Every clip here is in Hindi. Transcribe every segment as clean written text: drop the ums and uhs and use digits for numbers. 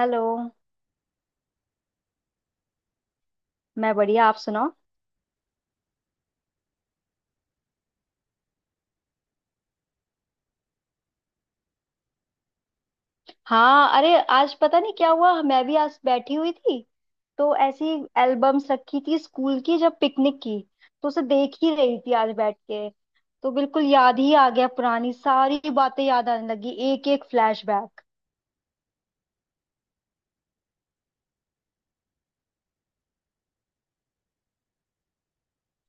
हेलो। मैं बढ़िया, आप सुनाओ। हाँ, अरे आज पता नहीं क्या हुआ, मैं भी आज बैठी हुई थी तो ऐसी एल्बम्स रखी थी स्कूल की, जब पिकनिक की तो उसे देख ही रही थी आज बैठ के। तो बिल्कुल याद ही आ गया, पुरानी सारी बातें याद आने लगी, एक एक फ्लैशबैक।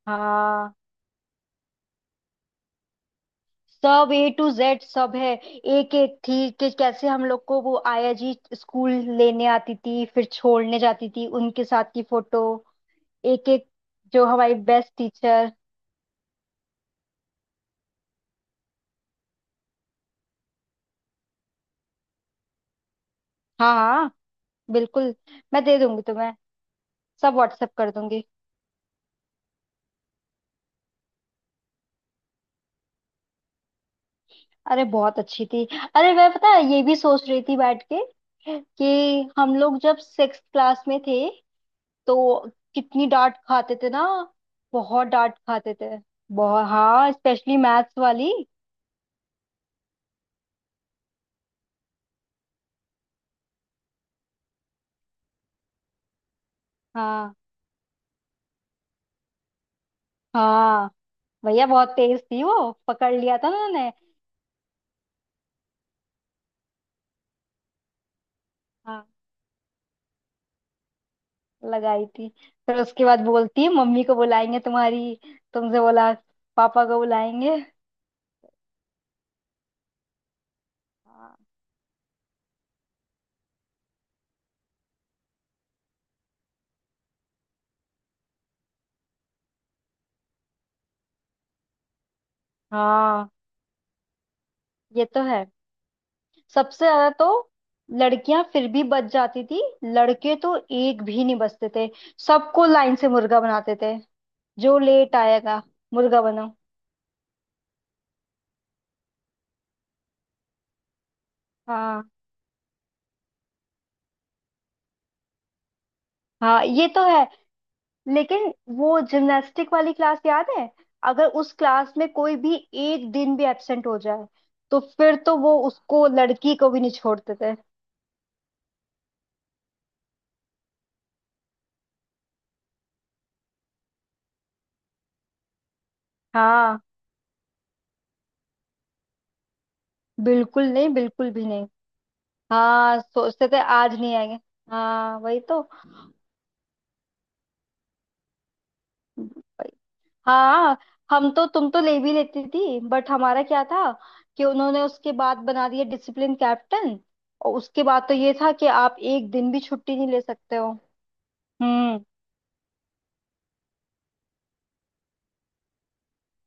हाँ, सब ए टू जेड सब है। एक एक थी कि कैसे हम लोग को वो आया जी स्कूल लेने आती थी, फिर छोड़ने जाती थी, उनके साथ की फोटो। एक एक, जो हमारी बेस्ट टीचर। हाँ हाँ, बिल्कुल। मैं दे दूंगी तुम्हें, सब व्हाट्सएप कर दूंगी। अरे बहुत अच्छी थी। अरे मैं, पता है, ये भी सोच रही थी बैठ के कि हम लोग जब सिक्स क्लास में थे तो कितनी डांट खाते थे ना। बहुत डांट खाते थे। बहुत, हाँ, स्पेशली मैथ्स वाली। हाँ हाँ, भैया बहुत तेज थी, वो पकड़ लिया था ना उन्होंने। हाँ लगाई थी। फिर उसके बाद बोलती है मम्मी को बुलाएंगे तुम्हारी, तुमसे बोला पापा को बुलाएंगे। हाँ हाँ। ये तो है। सबसे ज्यादा तो लड़कियां फिर भी बच जाती थी, लड़के तो एक भी नहीं बचते थे। सबको लाइन से मुर्गा बनाते थे, जो लेट आएगा मुर्गा बनो। हाँ हाँ, ये तो है। लेकिन वो जिमनास्टिक वाली क्लास याद है, अगर उस क्लास में कोई भी एक दिन भी एब्सेंट हो जाए तो फिर तो वो उसको, लड़की को भी नहीं छोड़ते थे। हाँ, बिल्कुल नहीं, बिल्कुल भी नहीं। हाँ सोचते थे आज नहीं आएंगे। हाँ वही तो। हाँ, हम तो, तुम तो ले भी लेती थी, बट हमारा क्या था कि उन्होंने उसके बाद बना दिया डिसिप्लिन कैप्टन, और उसके बाद तो ये था कि आप एक दिन भी छुट्टी नहीं ले सकते हो। हम्म।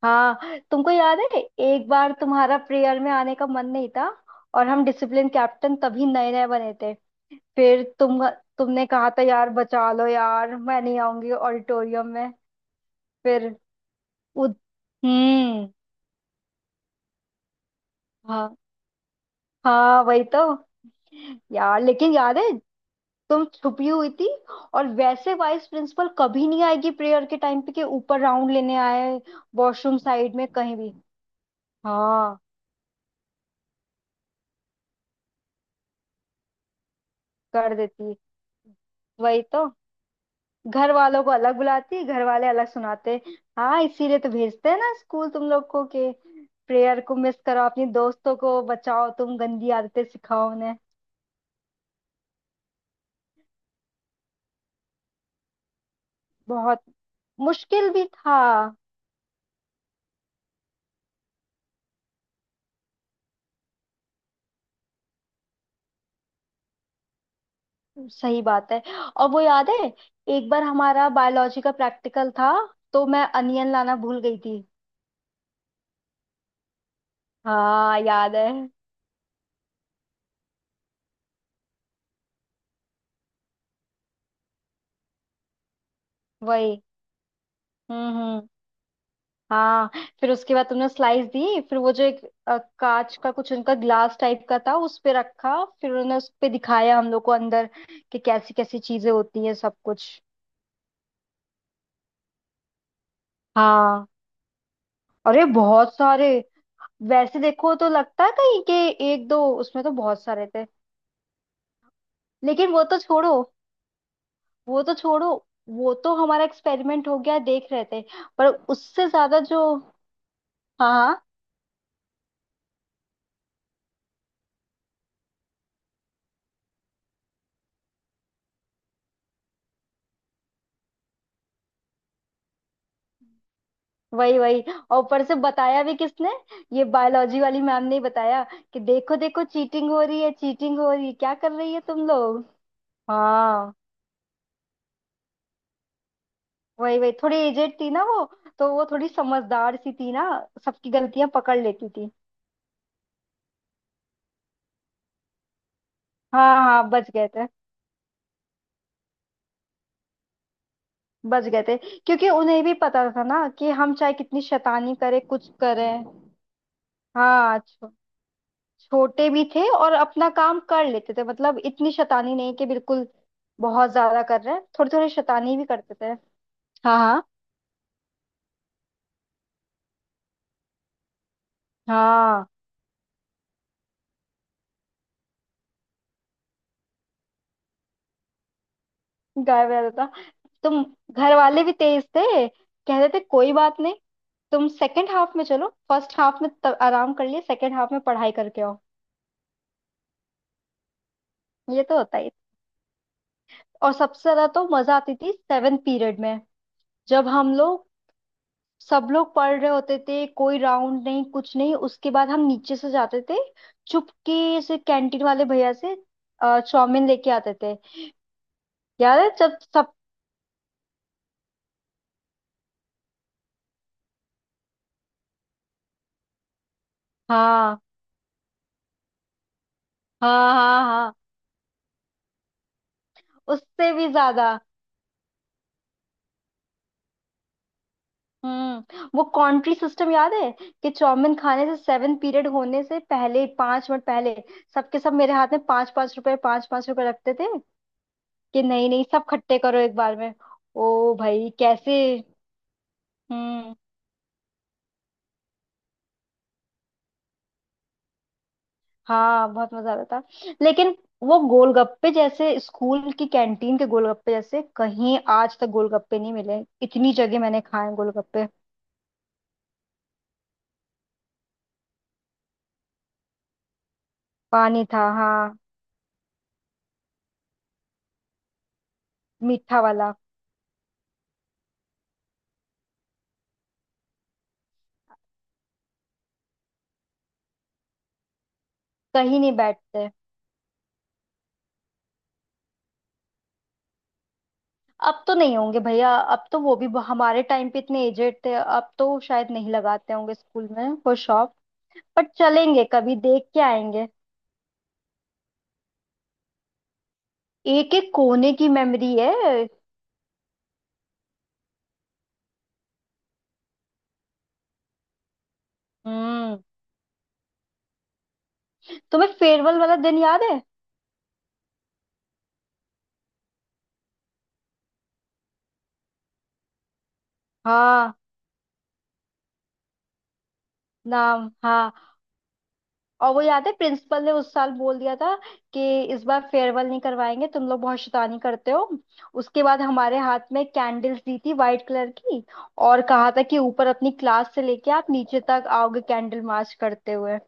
हाँ तुमको याद है, एक बार तुम्हारा प्रेयर में आने का मन नहीं था और हम डिसिप्लिन कैप्टन तभी नए नए बने थे। फिर तुम, तुमने कहा था यार बचा लो यार, मैं नहीं आऊंगी ऑडिटोरियम में। फिर उद हम्म। हाँ हाँ वही तो। यार लेकिन याद है, तुम छुपी हुई थी और वैसे वाइस प्रिंसिपल कभी नहीं आएगी प्रेयर के टाइम पे कि ऊपर राउंड लेने आए, वॉशरूम साइड में कहीं भी। हाँ कर देती। वही तो, घर वालों को अलग बुलाती, घर वाले अलग सुनाते। हाँ इसीलिए तो भेजते हैं ना स्कूल तुम लोग को कि प्रेयर को मिस करो, अपनी दोस्तों को बचाओ, तुम गंदी आदतें सिखाओ उन्हें। बहुत मुश्किल भी था। सही बात है। और वो याद है, एक बार हमारा बायोलॉजी का प्रैक्टिकल था तो मैं अनियन लाना भूल गई थी। हाँ याद है वही। हम्म, हाँ। फिर उसके बाद तुमने स्लाइस दी, फिर वो जो एक कांच का कुछ, उनका ग्लास टाइप का था, उस पे रखा, फिर उन्होंने उस पे दिखाया हम लोग को अंदर कि कैसी कैसी चीजें होती हैं सब कुछ। हाँ, अरे बहुत सारे। वैसे देखो तो लगता है कहीं के एक दो, उसमें तो बहुत सारे थे। लेकिन वो तो छोड़ो, वो तो छोड़ो, वो तो हमारा एक्सपेरिमेंट हो गया देख रहे थे। पर उससे ज्यादा जो, हाँ हाँ, वही वही। और ऊपर से बताया भी किसने, ये बायोलॉजी वाली मैम ने ही बताया कि देखो देखो चीटिंग हो रही है, चीटिंग हो रही है, क्या कर रही है तुम लोग। हाँ वही वही, थोड़ी एजेड थी ना वो, तो वो थोड़ी समझदार सी थी ना, सबकी गलतियां पकड़ लेती थी। हाँ हाँ बच गए थे। बच गए थे, क्योंकि उन्हें भी पता था ना कि हम चाहे कितनी शैतानी करें कुछ करें। हाँ, छोटे भी थे और अपना काम कर लेते थे, मतलब इतनी शैतानी नहीं कि बिल्कुल बहुत ज्यादा कर रहे हैं, थोड़ी थोड़ी शैतानी भी करते थे। हाँ हाँ हाँ गायब रहता था। तुम, घर वाले भी तेज थे, कहते थे कोई बात नहीं, तुम सेकंड हाफ में चलो, फर्स्ट हाफ में तब आराम कर लिए, सेकंड हाफ में पढ़ाई करके आओ। ये तो होता ही था। और सबसे ज्यादा तो मजा आती थी सेवन पीरियड में, जब हम लोग सब लोग पढ़ रहे होते थे, कोई राउंड नहीं कुछ नहीं, उसके बाद हम नीचे से जाते थे, चुपके से कैंटीन वाले भैया से चाउमीन लेके आते थे। याद है जब सब, हाँ हाँ हाँ हाँ, उससे भी ज्यादा वो कॉन्ट्री सिस्टम याद है कि चाउमीन खाने से सेवन पीरियड होने से पहले 5 मिनट पहले, सबके सब मेरे हाथ में पांच पांच रुपए, पांच पांच रुपए रखते थे कि नहीं नहीं सब खट्टे करो एक बार में। ओ भाई कैसे। हम्म, हाँ बहुत मजा आता था, लेकिन वो गोलगप्पे जैसे, स्कूल की कैंटीन के गोलगप्पे जैसे, कहीं आज तक गोलगप्पे नहीं मिले, इतनी जगह मैंने खाए गोलगप्पे। पानी था हाँ, मीठा वाला। कहीं नहीं बैठते। अब तो नहीं होंगे भैया, अब तो वो भी हमारे टाइम पे इतने एजेड थे, अब तो शायद नहीं लगाते होंगे स्कूल में वो शॉप। पर चलेंगे कभी देख के आएंगे। एक एक कोने की मेमोरी है। हम्म, तुम्हें फेयरवेल वाला दिन याद है। हाँ, नाम हाँ। और वो याद है, प्रिंसिपल ने उस साल बोल दिया था कि इस बार फेयरवेल नहीं करवाएंगे, तुम लोग बहुत शैतानी करते हो। उसके बाद हमारे हाथ में कैंडल्स दी थी वाइट कलर की और कहा था कि ऊपर अपनी क्लास से लेके आप नीचे तक आओगे कैंडल मार्च करते हुए।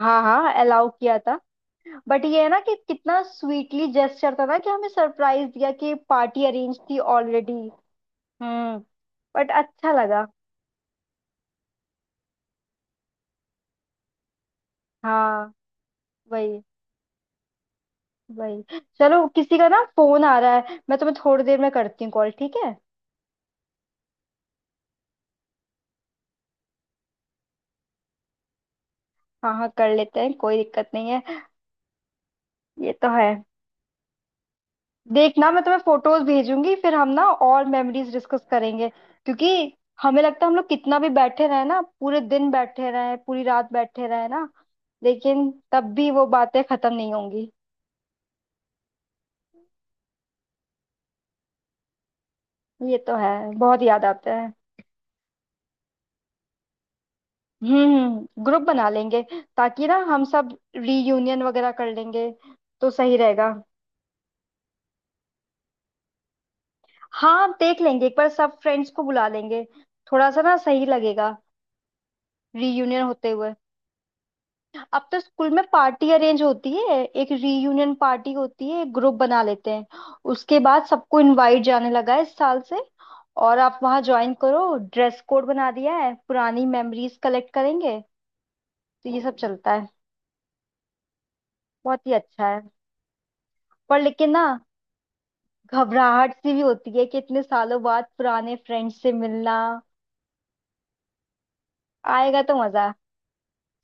हाँ हाँ अलाउ किया था। बट ये है ना कि कितना स्वीटली जेस्चर था ना, कि हमें सरप्राइज दिया कि पार्टी अरेंज थी ऑलरेडी। हम्म, बट अच्छा लगा। हाँ वही वही। चलो, किसी का ना फोन आ रहा है, मैं तुम्हें थोड़ी देर में करती हूँ कॉल, ठीक है। हाँ हाँ कर लेते हैं, कोई दिक्कत नहीं है। ये तो है। देखना मैं तुम्हें फोटोज भेजूंगी, फिर हम ना और मेमोरीज डिस्कस करेंगे, क्योंकि हमें लगता है हम लोग कितना भी बैठे रहे ना, पूरे दिन बैठे रहे, पूरी रात बैठे रहे ना, लेकिन तब भी वो बातें खत्म नहीं होंगी। ये तो है। बहुत याद आता है। ग्रुप बना लेंगे ताकि ना हम सब रीयूनियन वगैरह कर लेंगे, तो सही रहेगा। हाँ देख लेंगे, एक बार सब फ्रेंड्स को बुला लेंगे, थोड़ा सा ना सही लगेगा रीयूनियन होते हुए। अब तो स्कूल में पार्टी अरेंज होती है, एक रीयूनियन पार्टी होती है, ग्रुप बना लेते हैं, उसके बाद सबको इनवाइट जाने लगा है इस साल से, और आप वहाँ ज्वाइन करो, ड्रेस कोड बना दिया है, पुरानी मेमोरीज कलेक्ट करेंगे, तो ये सब चलता है। बहुत ही अच्छा है। पर लेकिन ना घबराहट सी भी होती है कि इतने सालों बाद पुराने फ्रेंड्स से मिलना। आएगा तो मजा।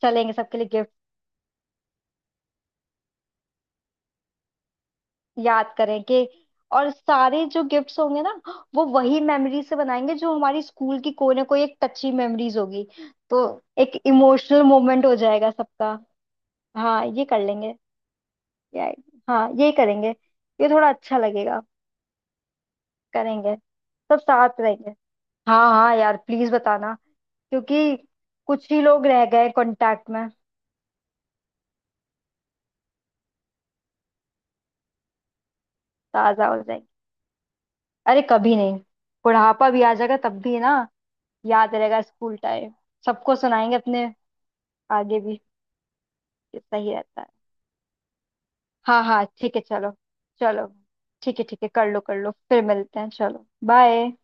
चलेंगे सबके लिए। याद करें कि, और सारे जो गिफ्ट्स होंगे ना, वो वही मेमोरी से बनाएंगे, जो हमारी स्कूल की कोई ना कोई एक टची मेमोरीज होगी, तो एक इमोशनल मोमेंट हो जाएगा सबका। हाँ ये कर लेंगे। या, हाँ ये करेंगे। ये थोड़ा अच्छा लगेगा। करेंगे। सब साथ रहेंगे। हाँ हाँ यार प्लीज बताना, क्योंकि कुछ ही लोग रह गए कांटेक्ट में। ताजा हो जाएंगे। अरे कभी नहीं, बुढ़ापा भी आ जाएगा तब भी ना याद रहेगा स्कूल टाइम, सबको सुनाएंगे अपने आगे भी। सही रहता है। हाँ हाँ ठीक है चलो। चलो ठीक है, ठीक है कर लो कर लो, फिर मिलते हैं, चलो। बाय।